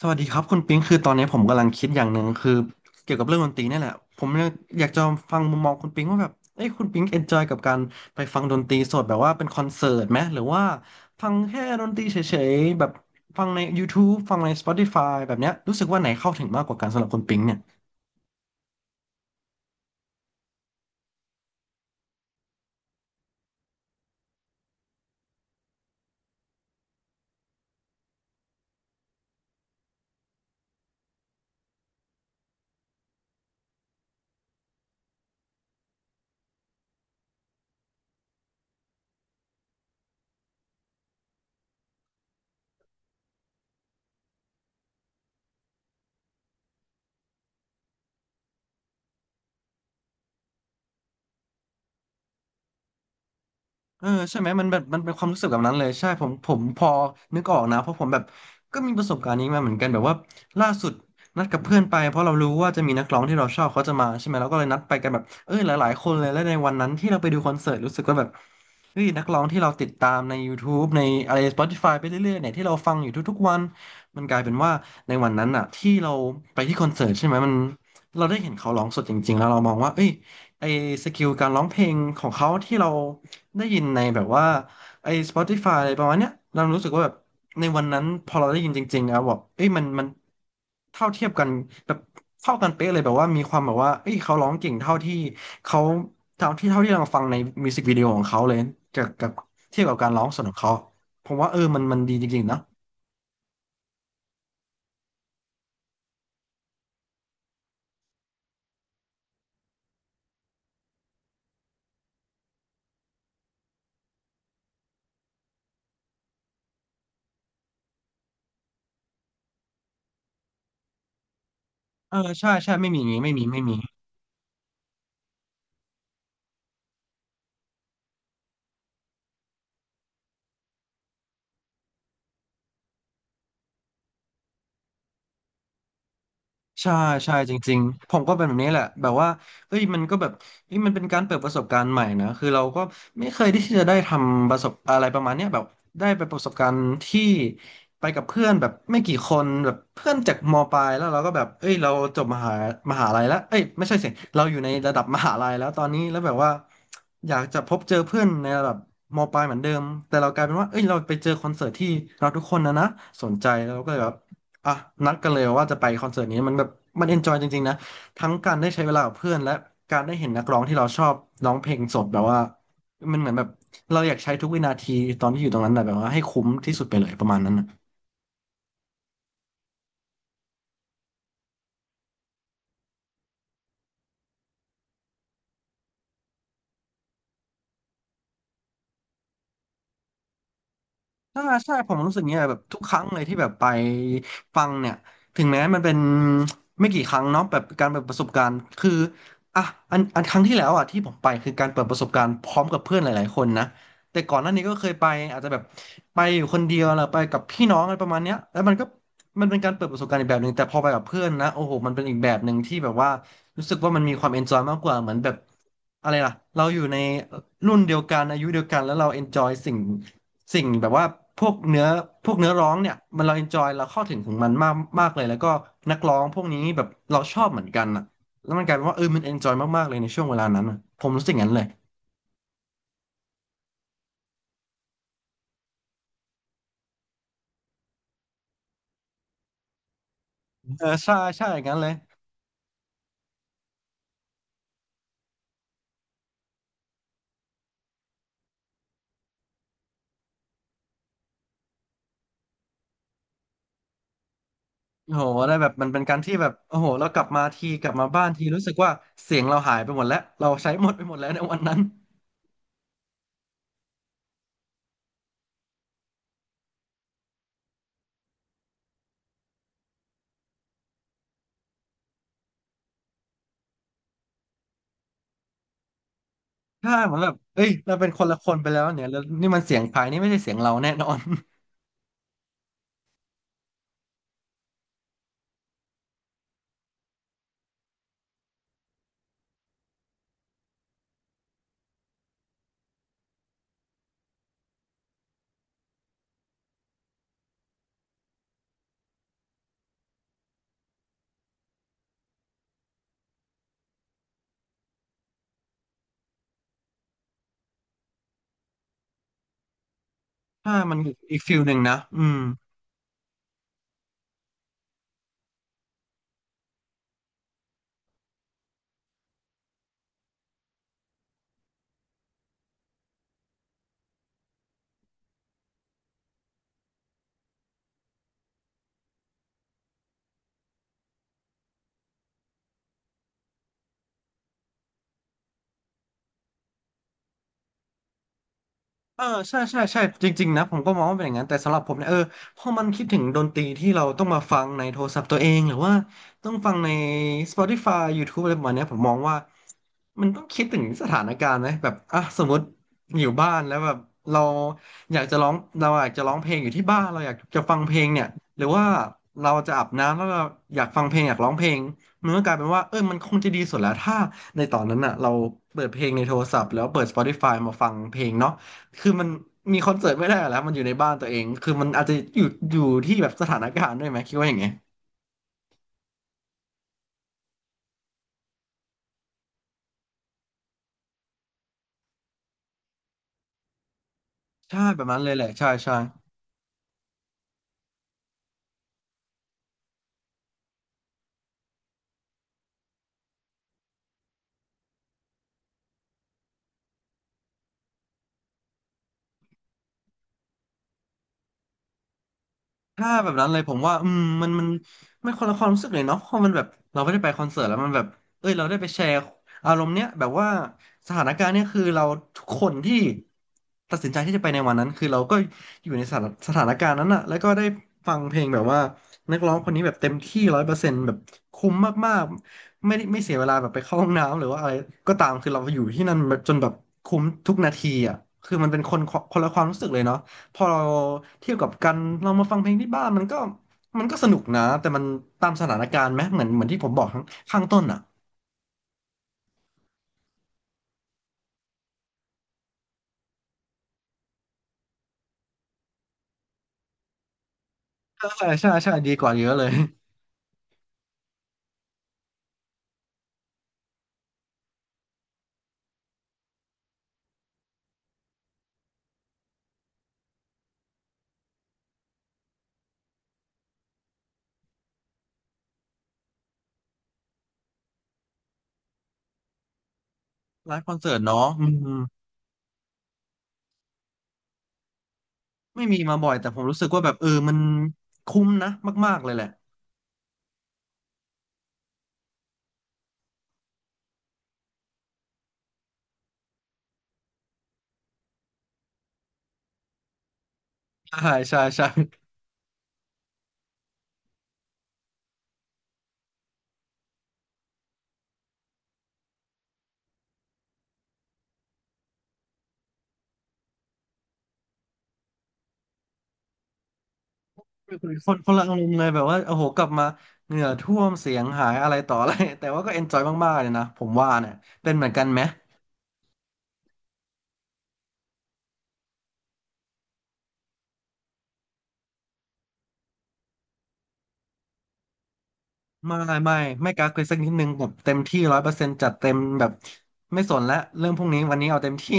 สวัสดีครับคุณปิงคือตอนนี้ผมกำลังคิดอย่างหนึ่งคือเกี่ยวกับเรื่องดนตรีนี่แหละผมอยากจะฟังมุมมองคุณปิงว่าแบบเอ้ยคุณปิงเอนจอยกับการไปฟังดนตรีสดแบบว่าเป็นคอนเสิร์ตไหมหรือว่าฟังแค่ดนตรีเฉยๆแบบฟังใน YouTube ฟังใน Spotify แบบเนี้ยรู้สึกว่าไหนเข้าถึงมากกว่ากันสำหรับคุณปิงเนี่ย เออใช่ไหมมันแบบมันเป็นความรู้สึกแบบนั้นเลยใช่ผมพอนึกออกนะเพราะผมแบบก็มีประสบการณ์นี้มาเหมือนกันแบบว่าล่าสุดนัดกับเพื่อนไปเพราะเรารู้ว่าจะมีนักร้องที่เราชอบเขาจะมาใช่ไหมเราก็เลยนัดไปกันแบบเออหลายๆคนเลยและในวันนั้นที่เราไปดูคอนเสิร์ตรู้สึกว่าแบบเฮ้ยนักร้องที่เราติดตามในยูทูบในอะไร s p ติฟายไปเรื่อยๆเนี่ยที่เราฟังอยู่ทุกๆวันมันกลายเป็นว่าในวันนั้นอ่ะที่เราไปที่คอนเสิร์ตใช่ไหมมันเราได้เห็นเขาร้องสดจริงๆแล้วเรามองว่าเอ้ย ไอสกิลการร้องเพลงของเขาที่เราได้ยินในแบบว่าไอ Spotify อะไรประมาณเนี้ยเรารู้สึกว่าแบบในวันนั้นพอเราได้ยินจริงๆอะบอกเอ้ยมันมันเท่าเทียบกันแบบเท่ากันเป๊ะเลยแบบว่ามีความแบบว่าเอ้ยเขาร้องเก่งเท่าที่เขาเท่าที่เราฟังในมิวสิกวิดีโอของเขาเลยจากกับเทียบกับการร้องสดของเขาผมว่าเออมันมันดีจริงๆนะเออใช่ใช่ไม่มีอย่างงี้ไม่มี ใช่ใช่จริงๆผมก็เป็นแบบนี้แหละแบบว่าเอ้ยมันก็แบบเอ้ยมันเป็นการเปิดประสบการณ์ใหม่นะคือเราก็ไม่เคยที่จะได้ทำประสบอะไรประมาณเนี้ยแบบได้ไปประสบการณ์ที่ไปกับเพื่อนแบบไม่กี่คนแบบเพื่อนจากมปลายแล้วเราก็แบบเอ้ยเราจบมหาลัยแล้วเอ้ยไม่ใช่สิเราอยู่ในระดับมหาลัยแล้วตอนนี้แล้วแบบว่าอยากจะพบเจอเพื่อนในระดับมปลายเหมือนเดิมแต่เรากลายเป็นว่าเอ้ยเราไปเจอคอนเสิร์ตที่เราทุกคนนะสนใจแล้วเราก็เลยแบบ อ่ะนัดกันเลยว่าจะไปคอนเสิร์ตนี้มันแบบมันเอนจอยจริงๆนะทั้งการได้ใช้เวลากับเพื่อนและการได้เห็นนักร้องที่เราชอบร้องเพลงสดแบบว่ามันเหมือนแบบเราอยากใช้ทุกวินาทีตอนที่อยู่ตรงนั้นนะแบบว่าให้คุ้มที่สุดไปเลยประมาณนั้นนะ ถ้าใช่ผมรู้สึกเนี้ยแบบทุกครั้งเลยที่แบบไปฟังเนี่ยถึงแม้มันเป็น ไม่กี่ครั้งเนาะแบบการเปิดประสบการณ์คืออ่ะอันครั้งที่แล้วอ่ะที่ผมไปคือการเปิดประสบการณ์พร้อมกับเพื่อนหลายๆคนนะแต่ก่อนหน้านี้ก็เคยไปอาจจะแบบไปอยู่คนเดียวหรือไปกับพี่น้องอะไรประมาณเนี้ยแล้วมันก็มันเป็นการเปิดประสบการณ์อีกแบบหนึ่งแต่พอไปกับเพื่อนนะโอ้โหมันเป็นอีกแบบหนึ่งที่แบบว่า รู้สึกว่ามันมีความเอนจอยมากกว่าเหมือนแบบอะไรล่ะเราอยู่ในรุ่นเดียวกันอายุเดียวกันแล้วเราเอนจอยสิ่งแบบว่าพวกเนื้อพวกเนื้อร้องเนี่ยมันเราเอนจอยเราเข้าถึงมันมากมากเลยแล้วก็นักร้องพวกนี้แบบเราชอบเหมือนกันอ่ะแล้วมันกลายเป็นว่าเออมันเอนจอยมากๆเลยในช่วงเวลานั้นอะผมรู้สึกอย่างนั้นเลยเออใช่ใช่อย่างนั้นเลยโอ้โหได้แบบมันเป็นการที่แบบโอ้โหเรากลับมาทีกลับมาบ้านทีรู้สึกว่าเสียงเราหายไปหมดแล้วเราใช้หมดไปหมดแล้วในวันนั้น ใช่เหมือนแบบเอ้ยเราเป็นคนละคนไปแล้วเนี่ย แล้วนี่มันเสียงภายนี่ไม่ใช่เสียงเราแน่นอน ถ้ามันอีกฟิลหนึ่งนะเออใช่ใช่จริงๆนะผมก็มองว่าเป็นอย่างนั้นแต่สำหรับผมเนี่ยพอมันคิดถึงดนตรีที่เราต้องมาฟังในโทรศัพท์ตัวเองหรือว่าต้องฟังใน Spotify YouTube อะไรประมาณเนี้ยผมมองว่ามันต้องคิดถึงสถานการณ์ไหมแบบอ่ะสมมติอยู่บ้านแล้วแบบเราอยากจะร้องเราอยากจะร้องเพลงอยู่ที่บ้านเราอยากจะฟังเพลงเนี่ยหรือว่าเราจะอาบน้ำแล้วเราอยากฟังเพลงอยากร้องเพลงมันก็กลายเป็นว่าเออมันคงจะดีสุดแล้วถ้าในตอนนั้นอ่ะเราเปิดเพลงในโทรศัพท์แล้วเปิด Spotify มาฟังเพลงเนาะ คือมันมีคอนเสิร์ตไม่ได้แล้วมันอยู่ในบ้านตัวเอง คือมันอาจจะอยู่อยู่ที่แบบสถานการณ์ด้วยไหมคิดว่าอย่างไงใช่แบบนั้นเลยแหละ ใช่ใช่ ถ้าแบบนั้นเลยผมว่าอืมมันคนละความรู้สึกเลยเนาะเพราะมันแบบเราไม่ได้ไปคอนเสิร์ตแล้วมันแบบเอ้ยเราได้ไปแชร์อารมณ์เนี้ยแบบว่าสถานการณ์เนี้ยคือเราทุกคนที่ตัดสินใจที่จะไปในวันนั้นคือเราก็อยู่ในสถานการณ์นั้นอะแล้วก็ได้ฟังเพลงแบบว่านักร้องคนนี้แบบเต็มที่ร้อยเปอร์เซ็นต์แบบคุ้มมากๆไม่ได้ไม่เสียเวลาแบบไปเข้าห้องน้ำหรือว่าอะไรก็ตามคือเราอยู่ที่นั่นจนแบบคุ้มทุกนาทีอะคือมันเป็นคนคนละความรู้สึกเลยเนาะ พอเราเทียบกับกันเรามาฟังเพลงที่บ้านมันก็มันก็สนุกนะแต่มันตามสถานการณ์ไหมเหมือนที่ผมบอกข้างต้นอ่ะใช่ใช่ใช่ดีกว่าเยอะเลยไลฟ์คอนเสิร์ตเนาะอืมไม่มีมาบ่อยแต่ผมรู้สึกว่าแบบเออมันคุ้มนะมากๆเลยแหละใช่ใช่ใช่คนคนละอารมณ์เลยแบบว่าโอ้โหกลับมาเหงื่อท่วมเสียงหายอะไรต่ออะไรแต่ว่าก็เอนจอยมากๆเลยนะผมว่าเนี่ยเป็นเหมือนกันไหม ไม่ไม่ไม่กักเลยสักนิดนึงแบบเต็มที่ร้อยเปอร์เซ็นต์จัดเต็มแบบไม่สนละเรื่องพวกนี้วันนี้เอาเต็มที่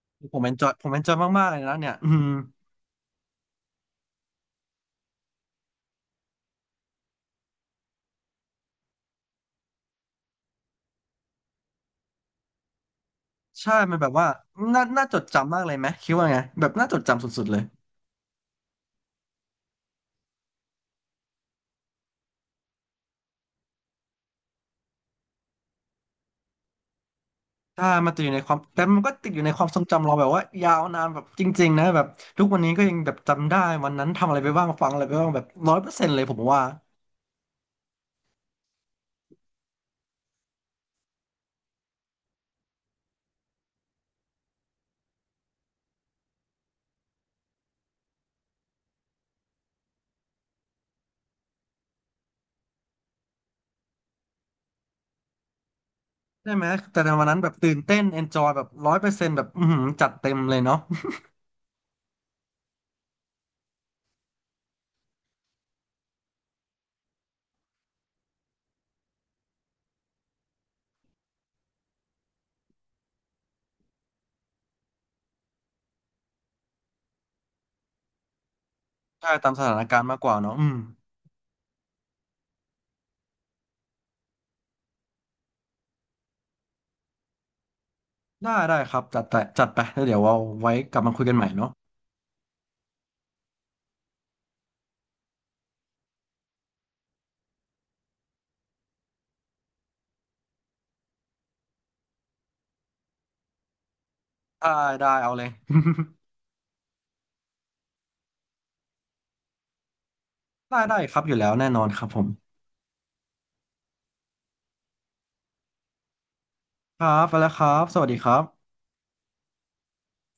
ผมเอนจอยมากๆเลยนะเนี่ยอืมใช่มันแบบว่าน่าจดจำมากเลยไหมคิดว่าไงแบบน่าจดจำสุดๆเลยถ้ามันติดอยู่ในความแต่มันก็ติดอยู่ในความทรงจำเราแบบว่ายาวนานแบบจริงๆนะแบบทุกวันนี้ก็ยังแบบจำได้วันนั้นทำอะไรไปบ้างฟังอะไรไปบ้างแบบร้อยเปอร์เซ็นต์เลยผมว่าใช่ไหมแต่ในวันนั้นแบบตื่นเต้นเอนจอยแบบร้อยเปอร์เซ็นต์แบบอือหือจัดเต็มเลยเนาะ ใช่ตามสถานการณ์มากกว่าเนาะอืม ได้ได้ครับจัดไปจัดไปแล้วเดี๋ยวเอาไว้กลับมาคุยกันใหม่เนาะได้ได้เอาเลย ได้ได้ครับอยู่แล้วแน่นอนครับผมครับไปแล้วครับสวัสดีครับ